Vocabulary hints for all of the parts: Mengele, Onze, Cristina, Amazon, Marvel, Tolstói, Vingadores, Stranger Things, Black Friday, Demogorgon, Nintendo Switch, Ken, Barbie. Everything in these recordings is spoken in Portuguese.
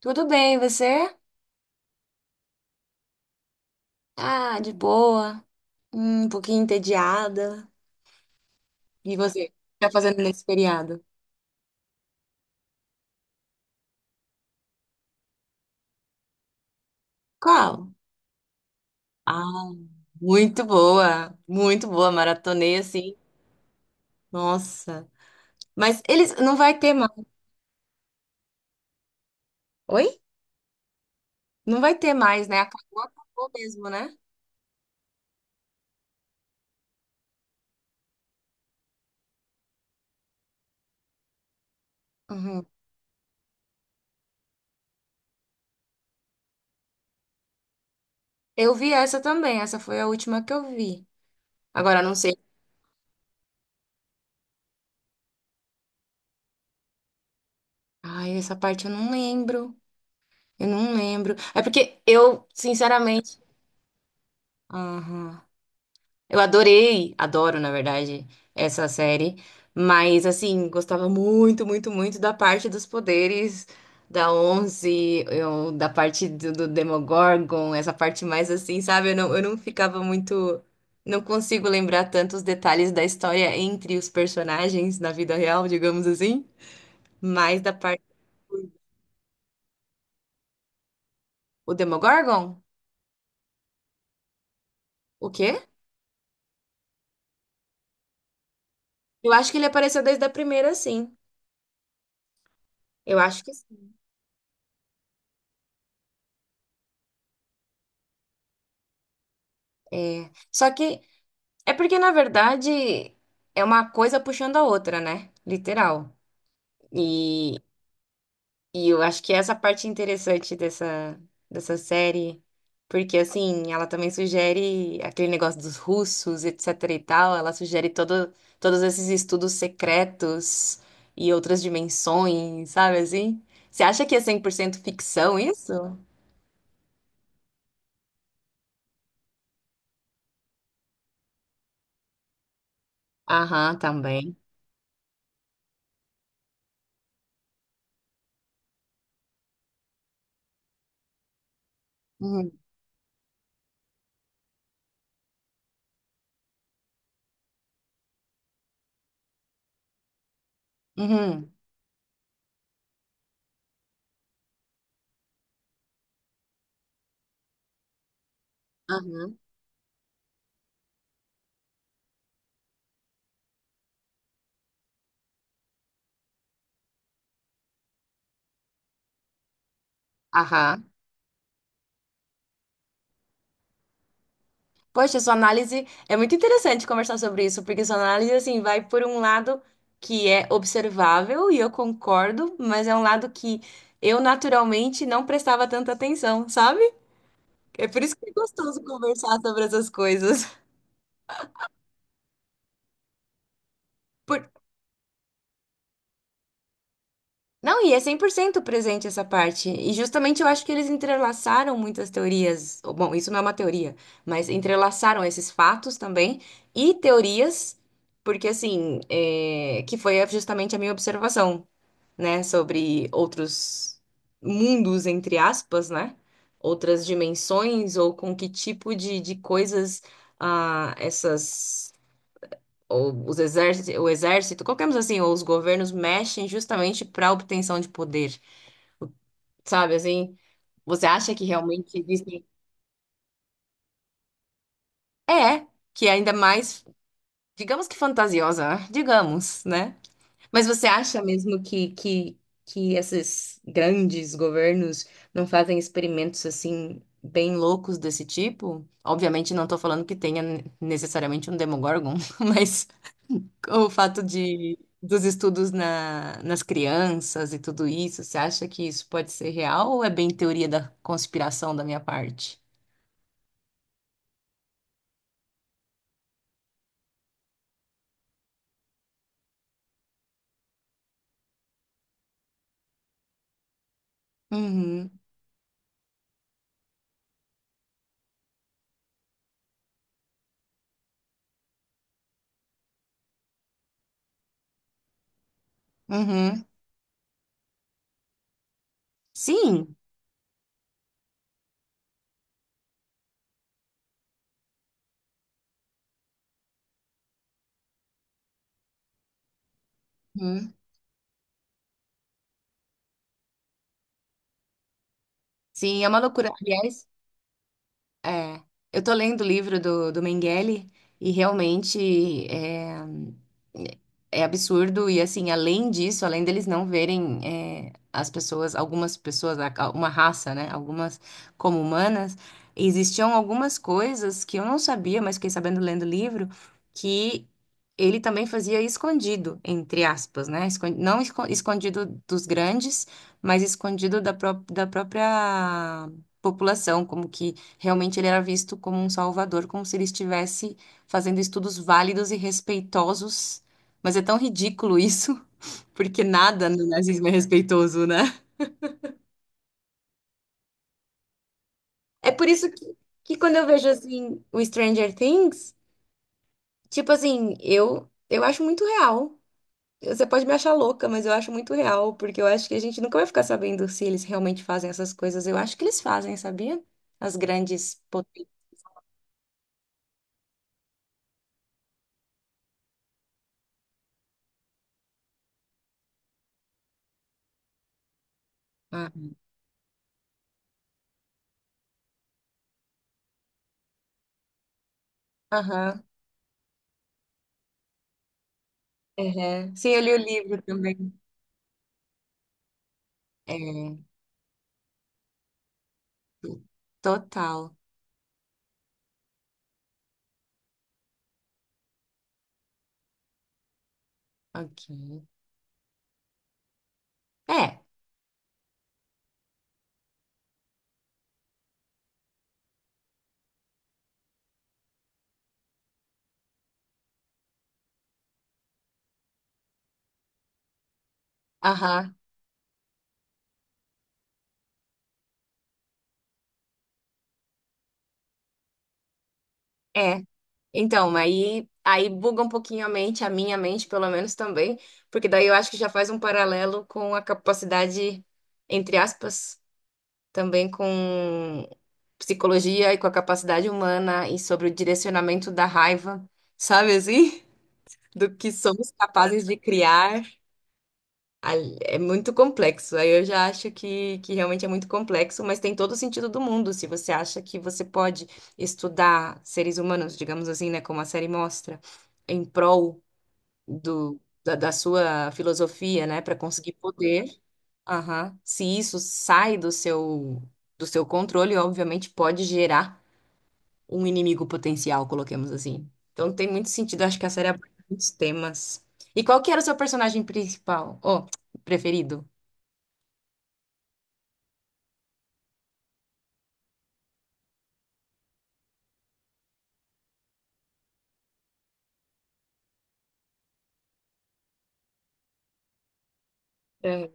Tudo bem, e você? Ah, de boa. Um pouquinho entediada. E você? O que tá fazendo nesse feriado? Qual? Ah, muito boa. Muito boa. Maratonei assim. Nossa. Mas eles não vai ter mais. Oi? Não vai ter mais, né? Acabou, acabou mesmo, né? Uhum. Eu vi essa também. Essa foi a última que eu vi. Agora, não sei. Ai, essa parte eu não lembro. Eu não lembro. É porque eu, sinceramente. Aham. Eu adorei, adoro, na verdade, essa série, mas assim, gostava muito, muito, muito da parte dos poderes da Onze, da parte do Demogorgon, essa parte mais assim, sabe? Eu não ficava muito. Não consigo lembrar tantos detalhes da história entre os personagens na vida real, digamos assim, mas da parte. O Demogorgon? O quê? Eu acho que ele apareceu desde a primeira, sim. Eu acho que sim. É. Só que. É porque, na verdade, é uma coisa puxando a outra, né? Literal. E, e eu acho que essa parte interessante dessa série, porque, assim, ela também sugere aquele negócio dos russos, etc e tal, ela sugere todos esses estudos secretos e outras dimensões, sabe assim? Você acha que é 100% ficção isso? Aham, também. Uhum. Uhum. Aham. Aham. Poxa, sua análise é muito interessante conversar sobre isso, porque sua análise assim vai por um lado que é observável e eu concordo, mas é um lado que eu naturalmente não prestava tanta atenção, sabe? É por isso que é gostoso conversar sobre essas coisas. Por- Não, e é 100% presente essa parte. E justamente eu acho que eles entrelaçaram muitas teorias. Ou, bom, isso não é uma teoria, mas entrelaçaram esses fatos também e teorias. Porque assim, é, que foi é, justamente a minha observação. Né, sobre outros mundos, entre aspas, né, outras dimensões, ou com que tipo de coisas ah, essas, ou os exércitos o exército, qualquer coisa assim, ou os governos mexem justamente para obtenção de poder, sabe, assim, você acha que realmente existem? É, que é ainda mais, digamos que fantasiosa, né? Digamos, né? Mas você acha mesmo que esses grandes governos não fazem experimentos assim bem loucos desse tipo? Obviamente não estou falando que tenha necessariamente um Demogorgon, mas o fato de dos estudos na, nas crianças e tudo isso, você acha que isso pode ser real ou é bem teoria da conspiração da minha parte? Uhum, uhum. Sim. Uhum. Sim, é uma loucura. Aliás, é, eu tô lendo o livro do Mengele e realmente é é absurdo. E assim, além disso, além deles não verem é, as pessoas, algumas pessoas, a- uma raça, né? Algumas como humanas, existiam algumas coisas que eu não sabia, mas fiquei sabendo lendo o livro, que ele também fazia escondido, entre aspas, né? Escon- não esco- escondido dos grandes, mas escondido da, pró- da própria população, como que. Realmente ele era visto como um salvador, como se ele estivesse fazendo estudos válidos e respeitosos. Mas é tão ridículo isso, porque nada no nazismo é respeitoso, né? É por isso que quando eu vejo assim o Stranger Things, tipo assim, eu acho muito real. Você pode me achar louca, mas eu acho muito real, porque eu acho que a gente nunca vai ficar sabendo se eles realmente fazem essas coisas. Eu acho que eles fazem, sabia? As grandes potências. Ah, aham. Uhum. Sim, eu li o livro também. É. Total. Ok. É. Aham. É. Então, aí buga um pouquinho a mente, a minha mente, pelo menos também, porque daí eu acho que já faz um paralelo com a capacidade, entre aspas, também com psicologia e com a capacidade humana e sobre o direcionamento da raiva, sabe assim? Do que somos capazes de criar. Ali- é muito complexo. Aí eu já acho que realmente é muito complexo, mas tem todo o sentido do mundo. Se você acha que você pode estudar seres humanos, digamos assim, né, como a série mostra, em prol da sua filosofia, né, para conseguir poder, aham, se isso sai do seu controle, obviamente pode gerar um inimigo potencial, coloquemos assim. Então tem muito sentido. Acho que a série aborda muitos temas. E qual que era o seu personagem principal? Oh, preferido? Aham,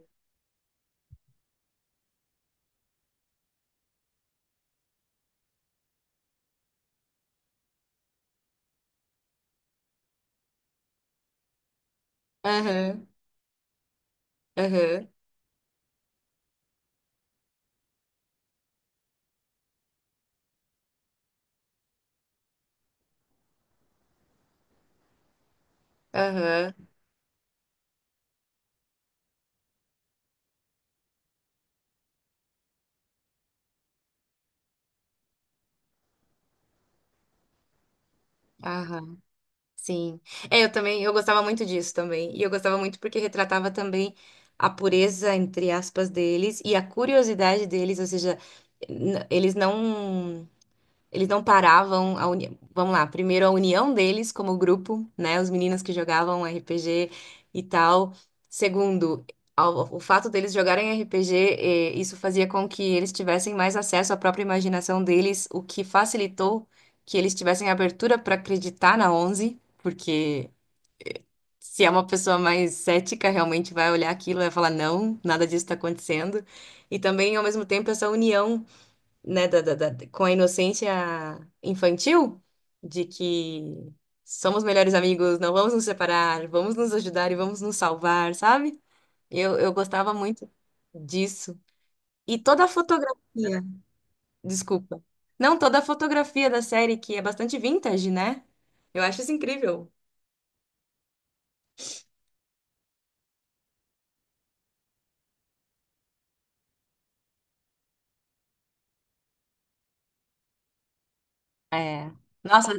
aham, aham, aham, aham, sim. É, eu também, eu gostava muito disso também. E eu gostava muito porque retratava também a pureza, entre aspas, deles e a curiosidade deles, ou seja, n- eles não. Eles não paravam a uni... Vamos lá, primeiro a união deles como grupo, né? Os meninos que jogavam RPG e tal. Segundo, ao- o fato deles jogarem RPG, isso fazia com que eles tivessem mais acesso à própria imaginação deles, o que facilitou que eles tivessem abertura para acreditar na Onze, porque se é uma pessoa mais cética, realmente vai olhar aquilo e vai falar, não, nada disso está acontecendo. E também, ao mesmo tempo, essa união né, com a inocência infantil, de que somos melhores amigos, não vamos nos separar, vamos nos ajudar e vamos nos salvar, sabe? Eu gostava muito disso. E toda a fotografia, desculpa. Não, toda a fotografia da série, que é bastante vintage, né? Eu acho isso incrível. É. Nossa,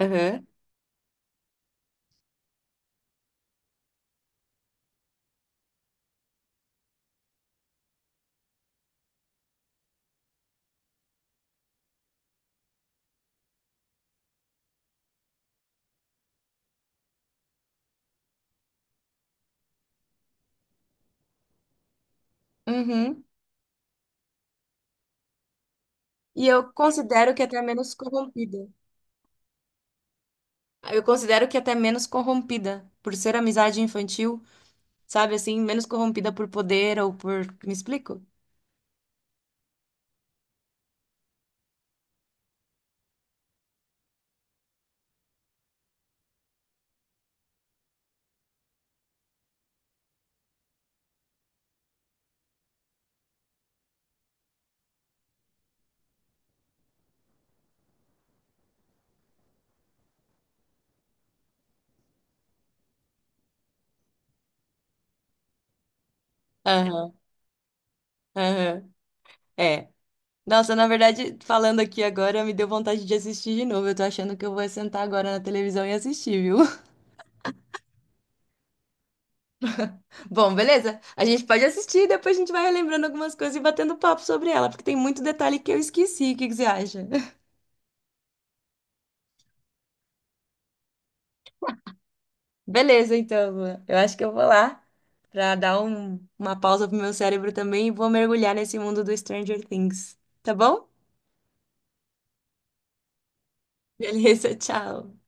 aham. Uhum. E eu considero que é até menos corrompida. Eu considero que é até menos corrompida por ser amizade infantil. Sabe assim, menos corrompida por poder ou por. Me explico? Aham, aham, é. Nossa, na verdade, falando aqui agora, me deu vontade de assistir de novo. Eu tô achando que eu vou sentar agora na televisão e assistir, viu? Bom, beleza? A gente pode assistir e depois a gente vai relembrando algumas coisas e batendo papo sobre ela, porque tem muito detalhe que eu esqueci. O que que você acha? Beleza, então, Lua. Eu acho que eu vou lá pra dar um- uma pausa pro meu cérebro também e vou mergulhar nesse mundo do Stranger Things, tá bom? Beleza, tchau.